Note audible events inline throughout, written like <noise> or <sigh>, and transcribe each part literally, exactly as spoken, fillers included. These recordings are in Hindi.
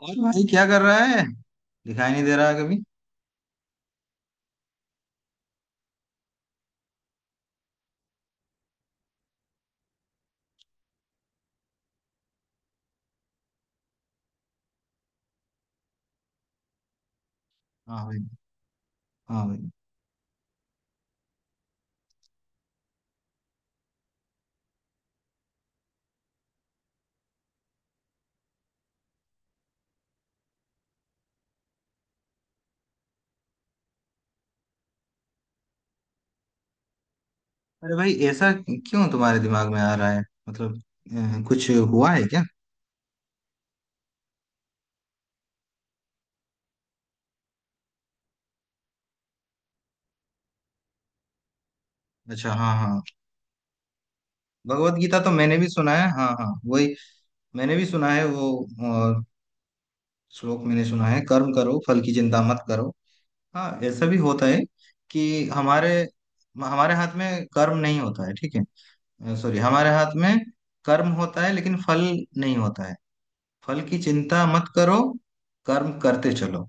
और भाई क्या कर रहा है। दिखाई नहीं दे रहा है कभी। हाँ भाई। हाँ भाई। अरे भाई ऐसा क्यों तुम्हारे दिमाग में आ रहा है? मतलब अ, कुछ हुआ है क्या? अच्छा, हाँ हाँ। भगवत गीता तो मैंने भी सुना है, हाँ हाँ वही। मैंने भी सुना है वो। और श्लोक मैंने सुना है, कर्म करो फल की चिंता मत करो। हाँ ऐसा भी होता है कि हमारे हमारे हाथ में कर्म नहीं होता है, ठीक है। सॉरी, हमारे हाथ में कर्म होता है लेकिन फल नहीं होता है। फल की चिंता मत करो, कर्म करते चलो।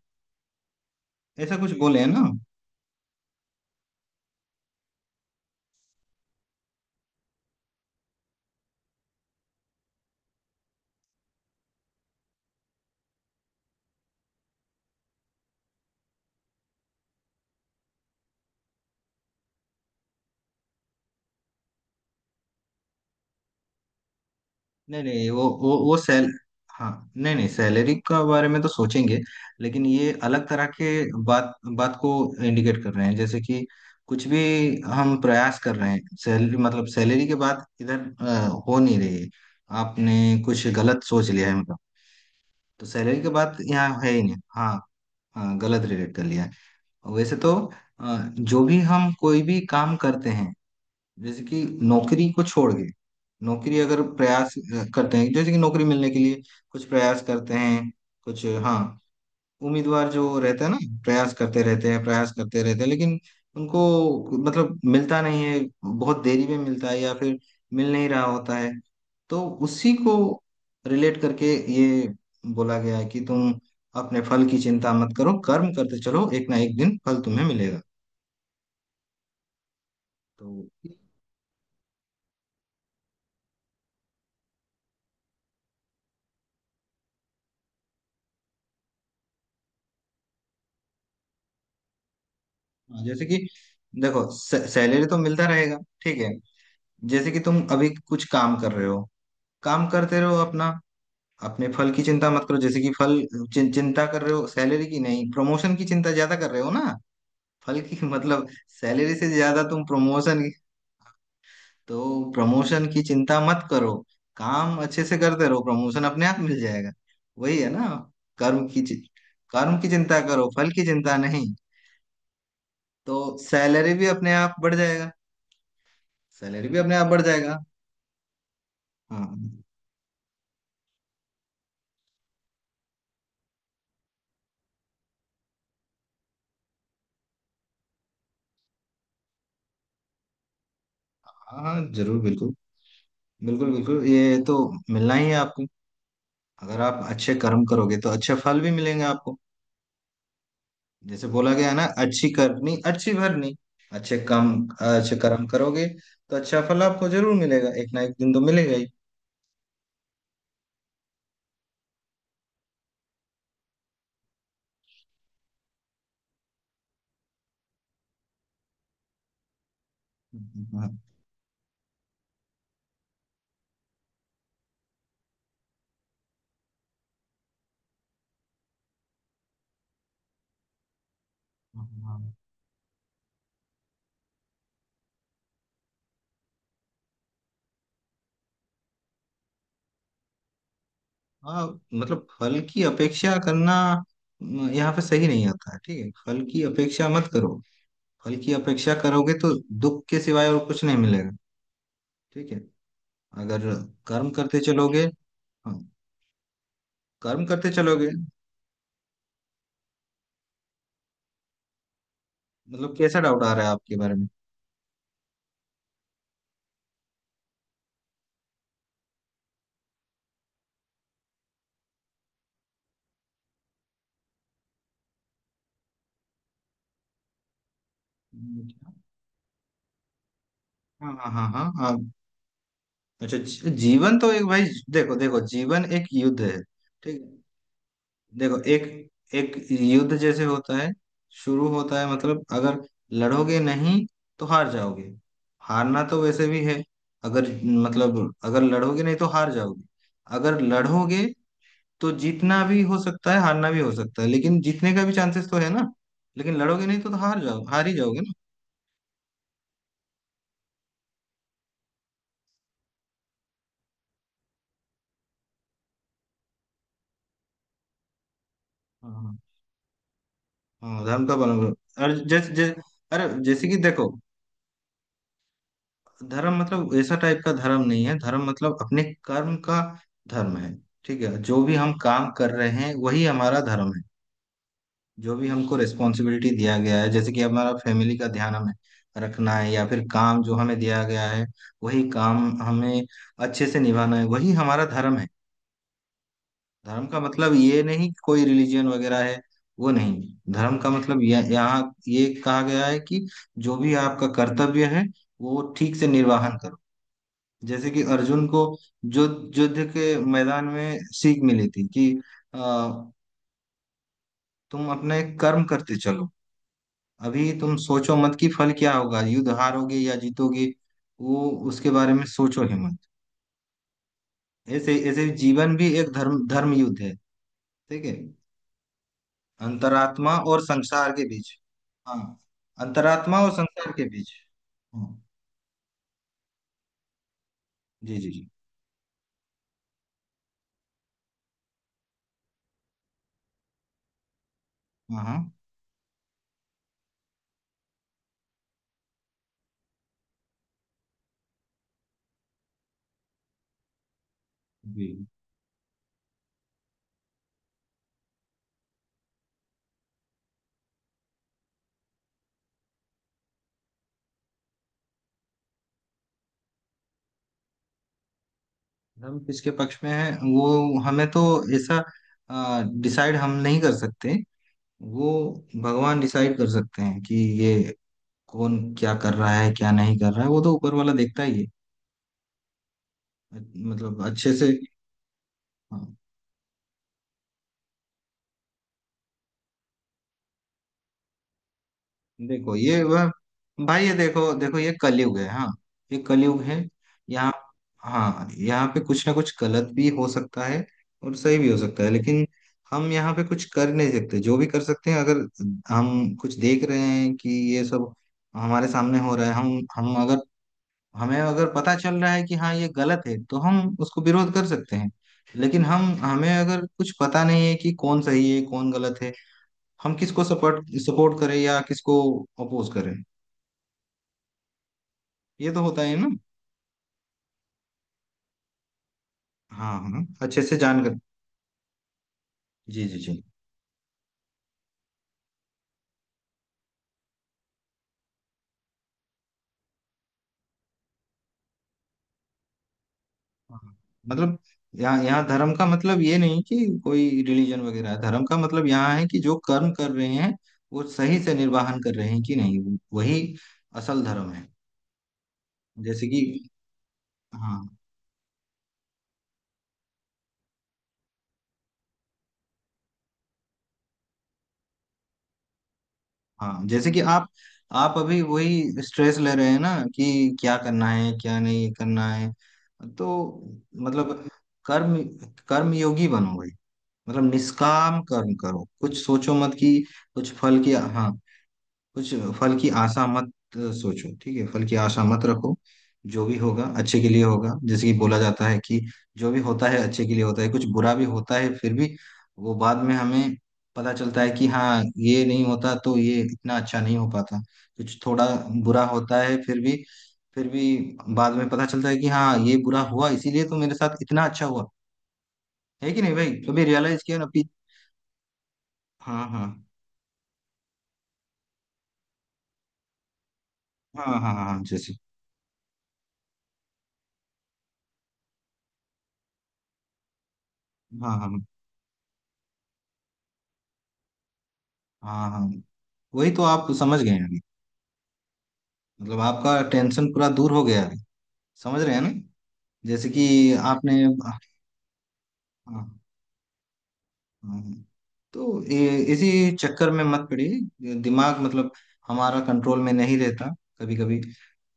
ऐसा कुछ बोले है ना। नहीं नहीं वो वो वो सैल। हाँ। नहीं नहीं, सैलरी का बारे में तो सोचेंगे, लेकिन ये अलग तरह के बात बात को इंडिकेट कर रहे हैं। जैसे कि कुछ भी हम प्रयास कर रहे हैं, सैलरी मतलब सैलरी के बाद इधर अ, हो नहीं रही है, आपने कुछ गलत सोच लिया है मतलब। तो सैलरी के बाद यहाँ है ही नहीं, हाँ। हाँ, गलत रिलेट कर लिया है। वैसे तो अ, जो भी हम कोई भी काम करते हैं, जैसे कि नौकरी को छोड़ के, नौकरी अगर प्रयास अ, करते हैं, जैसे कि नौकरी मिलने के लिए कुछ प्रयास करते हैं, कुछ हाँ, उम्मीदवार जो रहता है ना, प्रयास करते रहते हैं प्रयास करते रहते हैं, लेकिन उनको मतलब मिलता नहीं है, बहुत देरी में मिलता है या फिर मिल नहीं रहा होता है। तो उसी को रिलेट करके ये बोला गया है कि तुम अपने फल की चिंता मत करो, कर्म करते चलो, एक ना एक दिन फल तुम्हें मिलेगा। तो हाँ, जैसे कि देखो सैलरी तो मिलता रहेगा, ठीक है। जैसे कि तुम अभी कुछ काम कर रहे हो, काम करते रहो अपना, अपने फल की चिंता मत करो। जैसे कि फल चिं, चिंता कर रहे हो सैलरी की, नहीं प्रमोशन की चिंता ज्यादा कर रहे हो ना, फल की <laughs> मतलब सैलरी से ज्यादा तुम प्रमोशन की, तो प्रमोशन की चिंता मत करो, काम अच्छे से करते रहो प्रमोशन अपने आप मिल जाएगा। वही है ना। कर्म की चि- कर्म की चिंता करो, फल की चिंता नहीं, तो सैलरी भी अपने आप बढ़ जाएगा। सैलरी भी अपने आप बढ़ जाएगा। हाँ हाँ, हाँ, जरूर बिल्कुल, बिल्कुल बिल्कुल। ये तो मिलना ही है आपको, अगर आप अच्छे कर्म करोगे तो अच्छे फल भी मिलेंगे आपको। जैसे बोला गया है ना, अच्छी करनी अच्छी भरनी, अच्छे काम, अच्छे कर्म करोगे तो अच्छा फल आपको जरूर मिलेगा, एक ना एक दिन तो मिलेगा ही। हाँ हाँ, हाँ, मतलब फल की अपेक्षा करना म, यहाँ पे सही नहीं आता है, ठीक है फल की अपेक्षा मत करो। फल की अपेक्षा करोगे तो दुख के सिवाय और कुछ नहीं मिलेगा, ठीक है। अगर कर्म करते चलोगे, हाँ कर्म करते चलोगे। मतलब कैसा डाउट आ रहा है आपके बारे में? हाँ हाँ हाँ हाँ हाँ, अच्छा जी- जीवन तो एक भाई, देखो देखो जीवन एक युद्ध है, ठीक है। देखो एक एक युद्ध जैसे होता है, शुरू होता है, मतलब अगर लड़ोगे नहीं तो हार जाओगे। हारना तो वैसे भी है, अगर मतलब अगर लड़ोगे नहीं तो हार जाओगे, अगर लड़ोगे तो जीतना भी हो सकता है हारना भी हो सकता है, लेकिन जीतने का भी चांसेस तो है ना। लेकिन लड़ोगे नहीं तो, तो हार जाओ, हार ही जाओगे ना। हाँ। हाँ धर्म का पालन करो और जैसे जै, अरे जैसे कि देखो, धर्म मतलब ऐसा टाइप का धर्म नहीं है, धर्म मतलब अपने कर्म का धर्म है, ठीक है। जो भी हम काम कर रहे हैं वही हमारा धर्म है। जो भी हमको रिस्पॉन्सिबिलिटी दिया गया है, जैसे कि हमारा फैमिली का ध्यान हमें रखना है, या फिर काम जो हमें दिया गया है वही काम हमें अच्छे से निभाना है, वही हमारा धर्म है। धर्म का मतलब ये नहीं कि कोई रिलीजन वगैरह है, वो नहीं। धर्म का मतलब यह, यहाँ ये कहा गया है कि जो भी आपका कर्तव्य है वो ठीक से निर्वाहन करो। जैसे कि अर्जुन को जो युद्ध के मैदान में सीख मिली थी कि अ, तुम अपने कर्म करते चलो, अभी तुम सोचो मत कि फल क्या होगा, युद्ध हारोगे या जीतोगे, वो उसके बारे में सोचो ही मत। ऐसे ऐसे जीवन भी एक धर्म धर्म युद्ध है, ठीक है, अंतरात्मा और संसार के बीच। हाँ, अंतरात्मा और संसार के बीच। हाँ जी जी जी। हाँ हाँ। जी। हम किसके पक्ष में हैं वो हमें तो ऐसा डिसाइड हम नहीं कर सकते, वो भगवान डिसाइड कर सकते हैं कि ये कौन क्या कर रहा है क्या नहीं कर रहा है, वो तो ऊपर वाला देखता ही है। मतलब अच्छे से, हाँ। देखो ये वह भाई, ये देखो देखो ये कलयुग है, हाँ ये कलयुग है। यहाँ हाँ, यहाँ पे कुछ ना कुछ गलत भी हो सकता है और सही भी हो सकता है, लेकिन हम यहाँ पे कुछ कर नहीं सकते। जो भी कर सकते हैं, अगर हम कुछ देख रहे हैं कि ये सब हमारे सामने हो रहा है, हम हम अगर, हमें अगर पता चल रहा है कि हाँ ये गलत है तो हम उसको विरोध कर सकते हैं। लेकिन हम हमें अगर कुछ पता नहीं है कि कौन सही है कौन गलत है, हम किसको सपोर्ट सपोर्ट करें या किसको अपोज करें। ये तो होता है ना। हाँ हाँ, अच्छे से जान कर। जी जी जी। हाँ। मतलब यहाँ यहाँ धर्म का मतलब ये नहीं कि कोई रिलीजन वगैरह है, धर्म का मतलब यहाँ है कि जो कर्म कर रहे हैं वो सही से निर्वाहन कर रहे हैं कि नहीं, वही असल धर्म है। जैसे कि हाँ हाँ, जैसे कि आप आप अभी वही स्ट्रेस ले रहे हैं ना कि क्या करना है क्या नहीं करना है। तो मतलब कर्म कर्म योगी बनो भाई, मतलब निष्काम कर्म करो, कुछ सोचो मत कि कुछ फल की, हाँ कुछ फल की आशा मत अ, सोचो, ठीक है फल की आशा मत रखो। जो भी होगा अच्छे के लिए होगा, जैसे कि बोला जाता है कि जो भी होता है अच्छे के लिए होता है, कुछ बुरा भी होता है फिर भी वो बाद में हमें पता चलता है कि हाँ ये नहीं होता तो ये इतना अच्छा नहीं हो पाता। कुछ थोड़ा बुरा होता है, फिर भी फिर भी बाद में पता चलता है कि हाँ ये बुरा हुआ इसीलिए तो मेरे साथ इतना अच्छा हुआ। है कि नहीं भाई, कभी रियलाइज किया ना अपनी- हाँ हाँ हाँ हाँ हाँ, हाँ, जैसे हाँ हाँ हाँ हाँ वही तो आप समझ गए हैं अभी। मतलब आपका टेंशन पूरा दूर हो गया अभी, समझ रहे हैं ना। जैसे कि आपने हाँ, हाँ। हाँ। तो ये- इसी चक्कर में मत पड़िए, दिमाग मतलब हमारा कंट्रोल में नहीं रहता कभी कभी।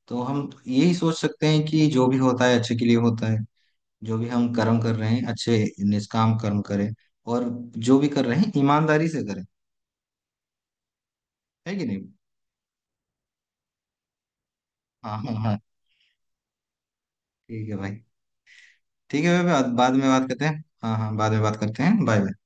तो हम यही सोच सकते हैं कि जो भी होता है अच्छे के लिए होता है। जो भी हम कर्म कर रहे हैं अच्छे, निष्काम कर्म करें, और जो भी कर रहे हैं ईमानदारी से करें। है कि नहीं? हाँ हाँ हाँ, ठीक है भाई, ठीक है भाई, बाद बाद में बात करते हैं, हाँ हाँ बाद में बात करते हैं, बाय बाय।